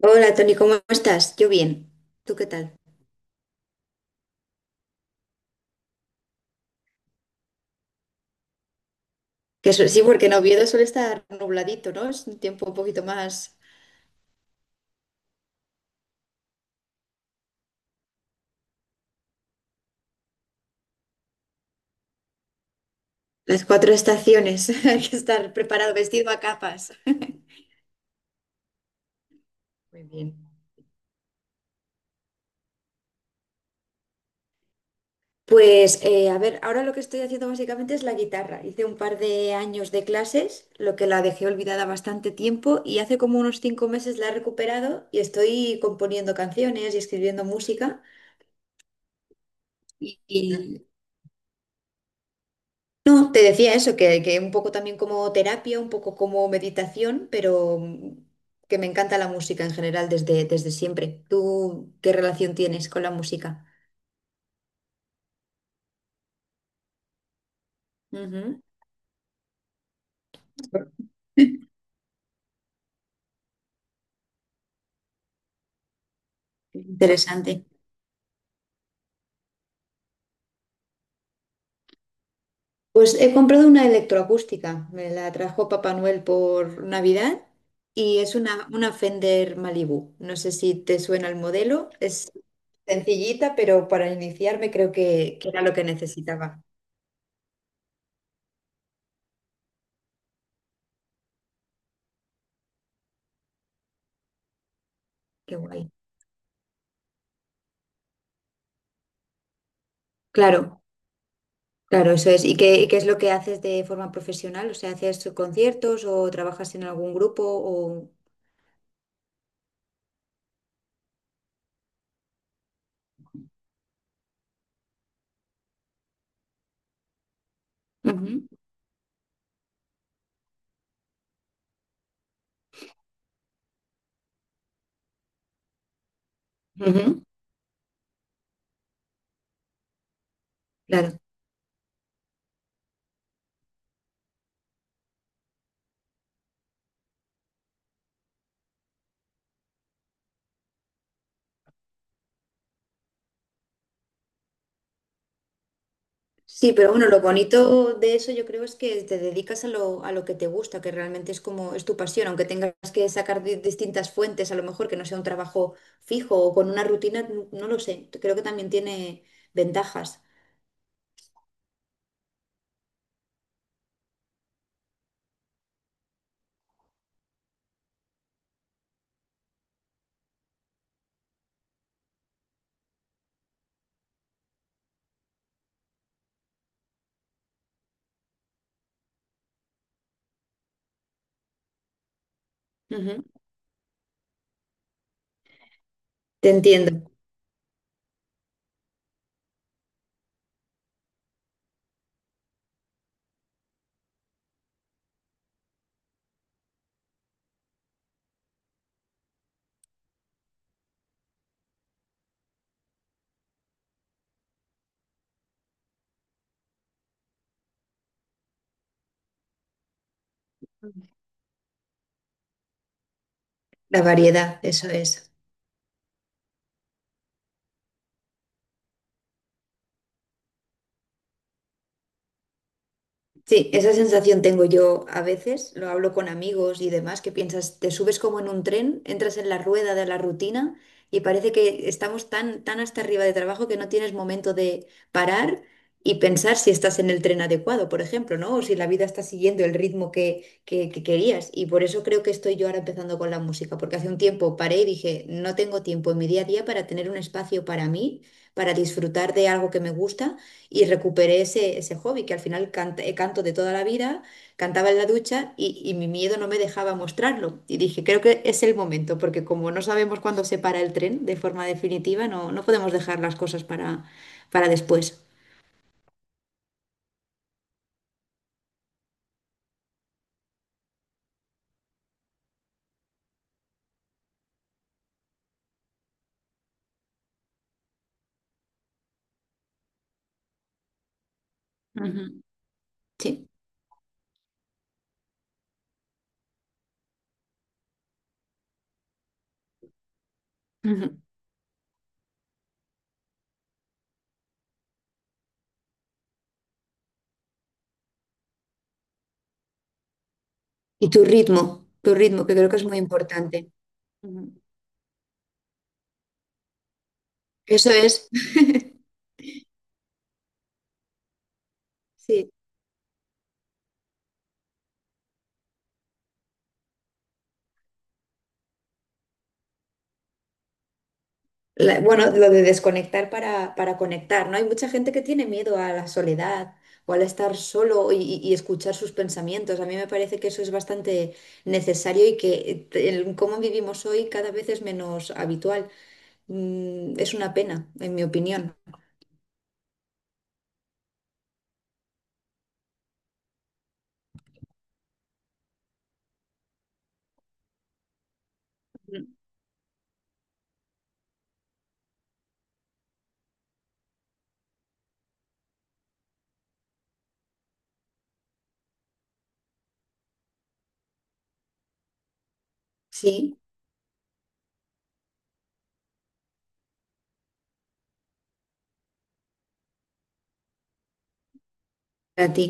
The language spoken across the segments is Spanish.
Hola Tony, ¿cómo estás? Yo bien. ¿Tú qué tal? Sí, porque en Oviedo suele estar nubladito, ¿no? Es un tiempo un poquito más. Las cuatro estaciones. Hay que estar preparado, vestido a capas. Muy bien. Pues a ver, ahora lo que estoy haciendo básicamente es la guitarra. Hice un par de años de clases, lo que la dejé olvidada bastante tiempo y hace como unos 5 meses la he recuperado y estoy componiendo canciones y escribiendo música. Y, y No, te decía eso, que un poco también como terapia, un poco como meditación, que me encanta la música en general desde siempre. ¿Tú qué relación tienes con la música? Ujú. Interesante. Pues he comprado una electroacústica, me la trajo Papá Noel por Navidad y es una Fender Malibu. No sé si te suena el modelo, es sencillita, pero para iniciarme creo que era lo que necesitaba. Qué guay. Claro. Claro, eso es. Y qué es lo que haces de forma profesional? O sea, ¿haces conciertos o trabajas en algún grupo? O... Ujú, ujú, claro. Sí, pero bueno, lo bonito de eso yo creo es que te dedicas a lo que te gusta, que realmente es como es tu pasión, aunque tengas que sacar de distintas fuentes, a lo mejor que no sea un trabajo fijo o con una rutina, no lo sé. Creo que también tiene ventajas. Ujú, te entiendo. La variedad, eso es. Sí, esa sensación tengo yo a veces, lo hablo con amigos y demás, que piensas, te subes como en un tren, entras en la rueda de la rutina y parece que estamos tan hasta arriba de trabajo que no tienes momento de parar y pensar si estás en el tren adecuado, por ejemplo, ¿no? O si la vida está siguiendo el ritmo que querías. Y por eso creo que estoy yo ahora empezando con la música, porque hace un tiempo paré y dije, no tengo tiempo en mi día a día para tener un espacio para mí, para disfrutar de algo que me gusta y recuperé ese hobby que al final canto de toda la vida, cantaba en la ducha y mi miedo no me dejaba mostrarlo. Y dije, creo que es el momento, porque como no sabemos cuándo se para el tren de forma definitiva, no podemos dejar las cosas para después. Ujú. Sí. Ujú. Y tu ritmo, que creo que es muy importante. Ujú. Eso es. Sí. Bueno, lo de desconectar para conectar, ¿no? Hay mucha gente que tiene miedo a la soledad o al estar solo y escuchar sus pensamientos. A mí me parece que eso es bastante necesario y que el cómo vivimos hoy cada vez es menos habitual. Es una pena, en mi opinión. Mm. Sí, a ti.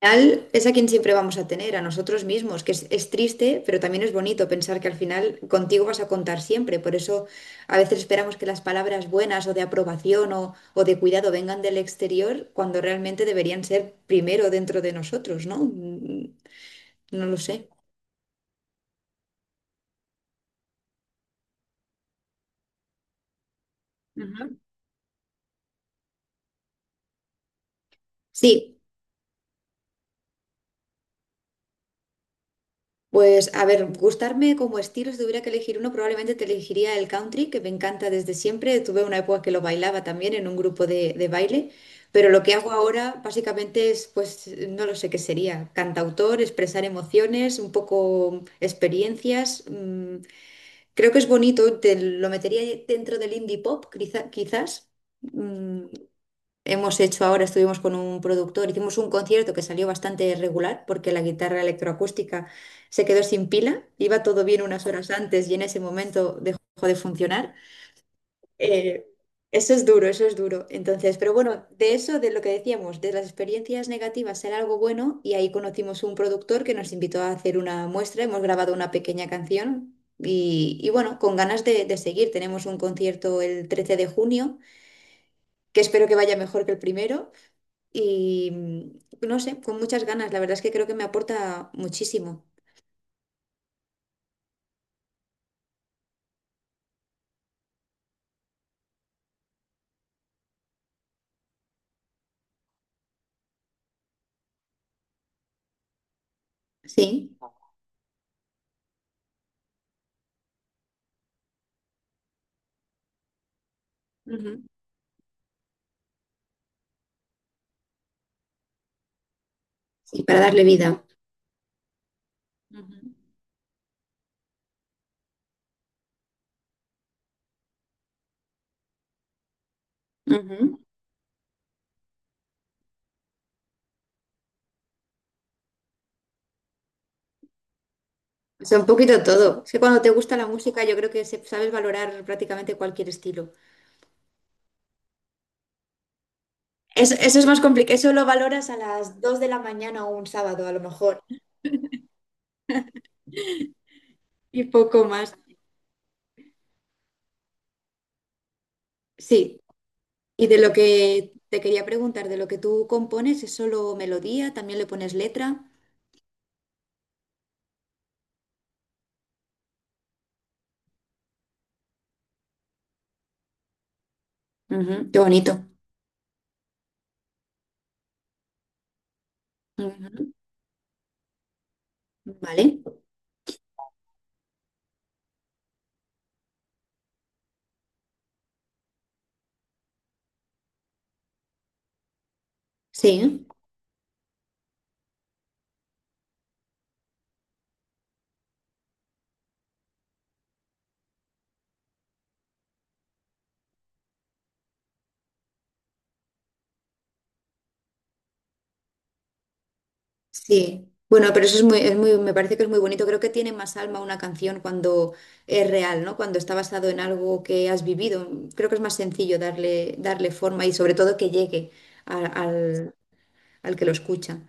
Final es a quien siempre vamos a tener, a nosotros mismos, es triste, pero también es bonito pensar que al final contigo vas a contar siempre. Por eso a veces esperamos que las palabras buenas o de aprobación o de cuidado vengan del exterior cuando realmente deberían ser primero dentro de nosotros, ¿no? No lo sé. Ujú. Sí, pues a ver, gustarme como estilo, si tuviera que elegir uno, probablemente te elegiría el country, que me encanta desde siempre. Tuve una época que lo bailaba también en un grupo de baile, pero lo que hago ahora básicamente es, pues no lo sé qué sería, cantautor, expresar emociones, un poco experiencias. Creo que es bonito, te lo metería dentro del indie pop, quizás. mm, Hemos hecho ahora, estuvimos con un productor, hicimos un concierto que salió bastante regular porque la guitarra electroacústica se quedó sin pila, iba todo bien unas horas antes y en ese momento dejó de funcionar. Eh, Eso es duro, eso es duro. Entonces, pero bueno, de eso, de lo que decíamos, de las experiencias negativas, ser algo bueno y ahí conocimos un productor que nos invitó a hacer una muestra, hemos grabado una pequeña canción. Y bueno, con ganas de seguir. Tenemos un concierto el 13 de junio, que espero que vaya mejor que el primero y no sé, con muchas ganas. La verdad es que creo que me aporta muchísimo. Sí, ujú. Sí, para darle vida. Ujú, ujú. O sea, un poquito todo. Es que cuando te gusta la música, yo creo que sabes valorar prácticamente cualquier estilo. Eso es más complicado. Eso lo valoras a las 2 de la mañana o un sábado, a lo mejor. Y poco más. Sí. Y de lo que te quería preguntar, de lo que tú compones, ¿es solo melodía? ¿También le pones letra? Ujú, qué bonito. Ujú. Vale. Sí. Sí, bueno, pero eso es muy, me parece que es muy bonito. Creo que tiene más alma una canción cuando es real, ¿no? Cuando está basado en algo que has vivido. Creo que es más sencillo darle forma y sobre todo que llegue a- al, al que lo escucha.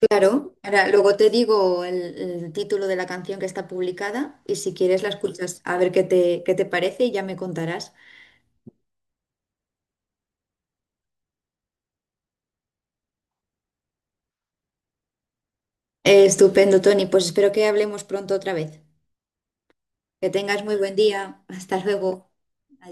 Claro, ahora luego te digo el título de la canción que está publicada y si quieres la escuchas a ver qué qué te parece y ya me contarás. Estupendo, Tony. Pues espero que hablemos pronto otra vez. Que tengas muy buen día. Hasta luego.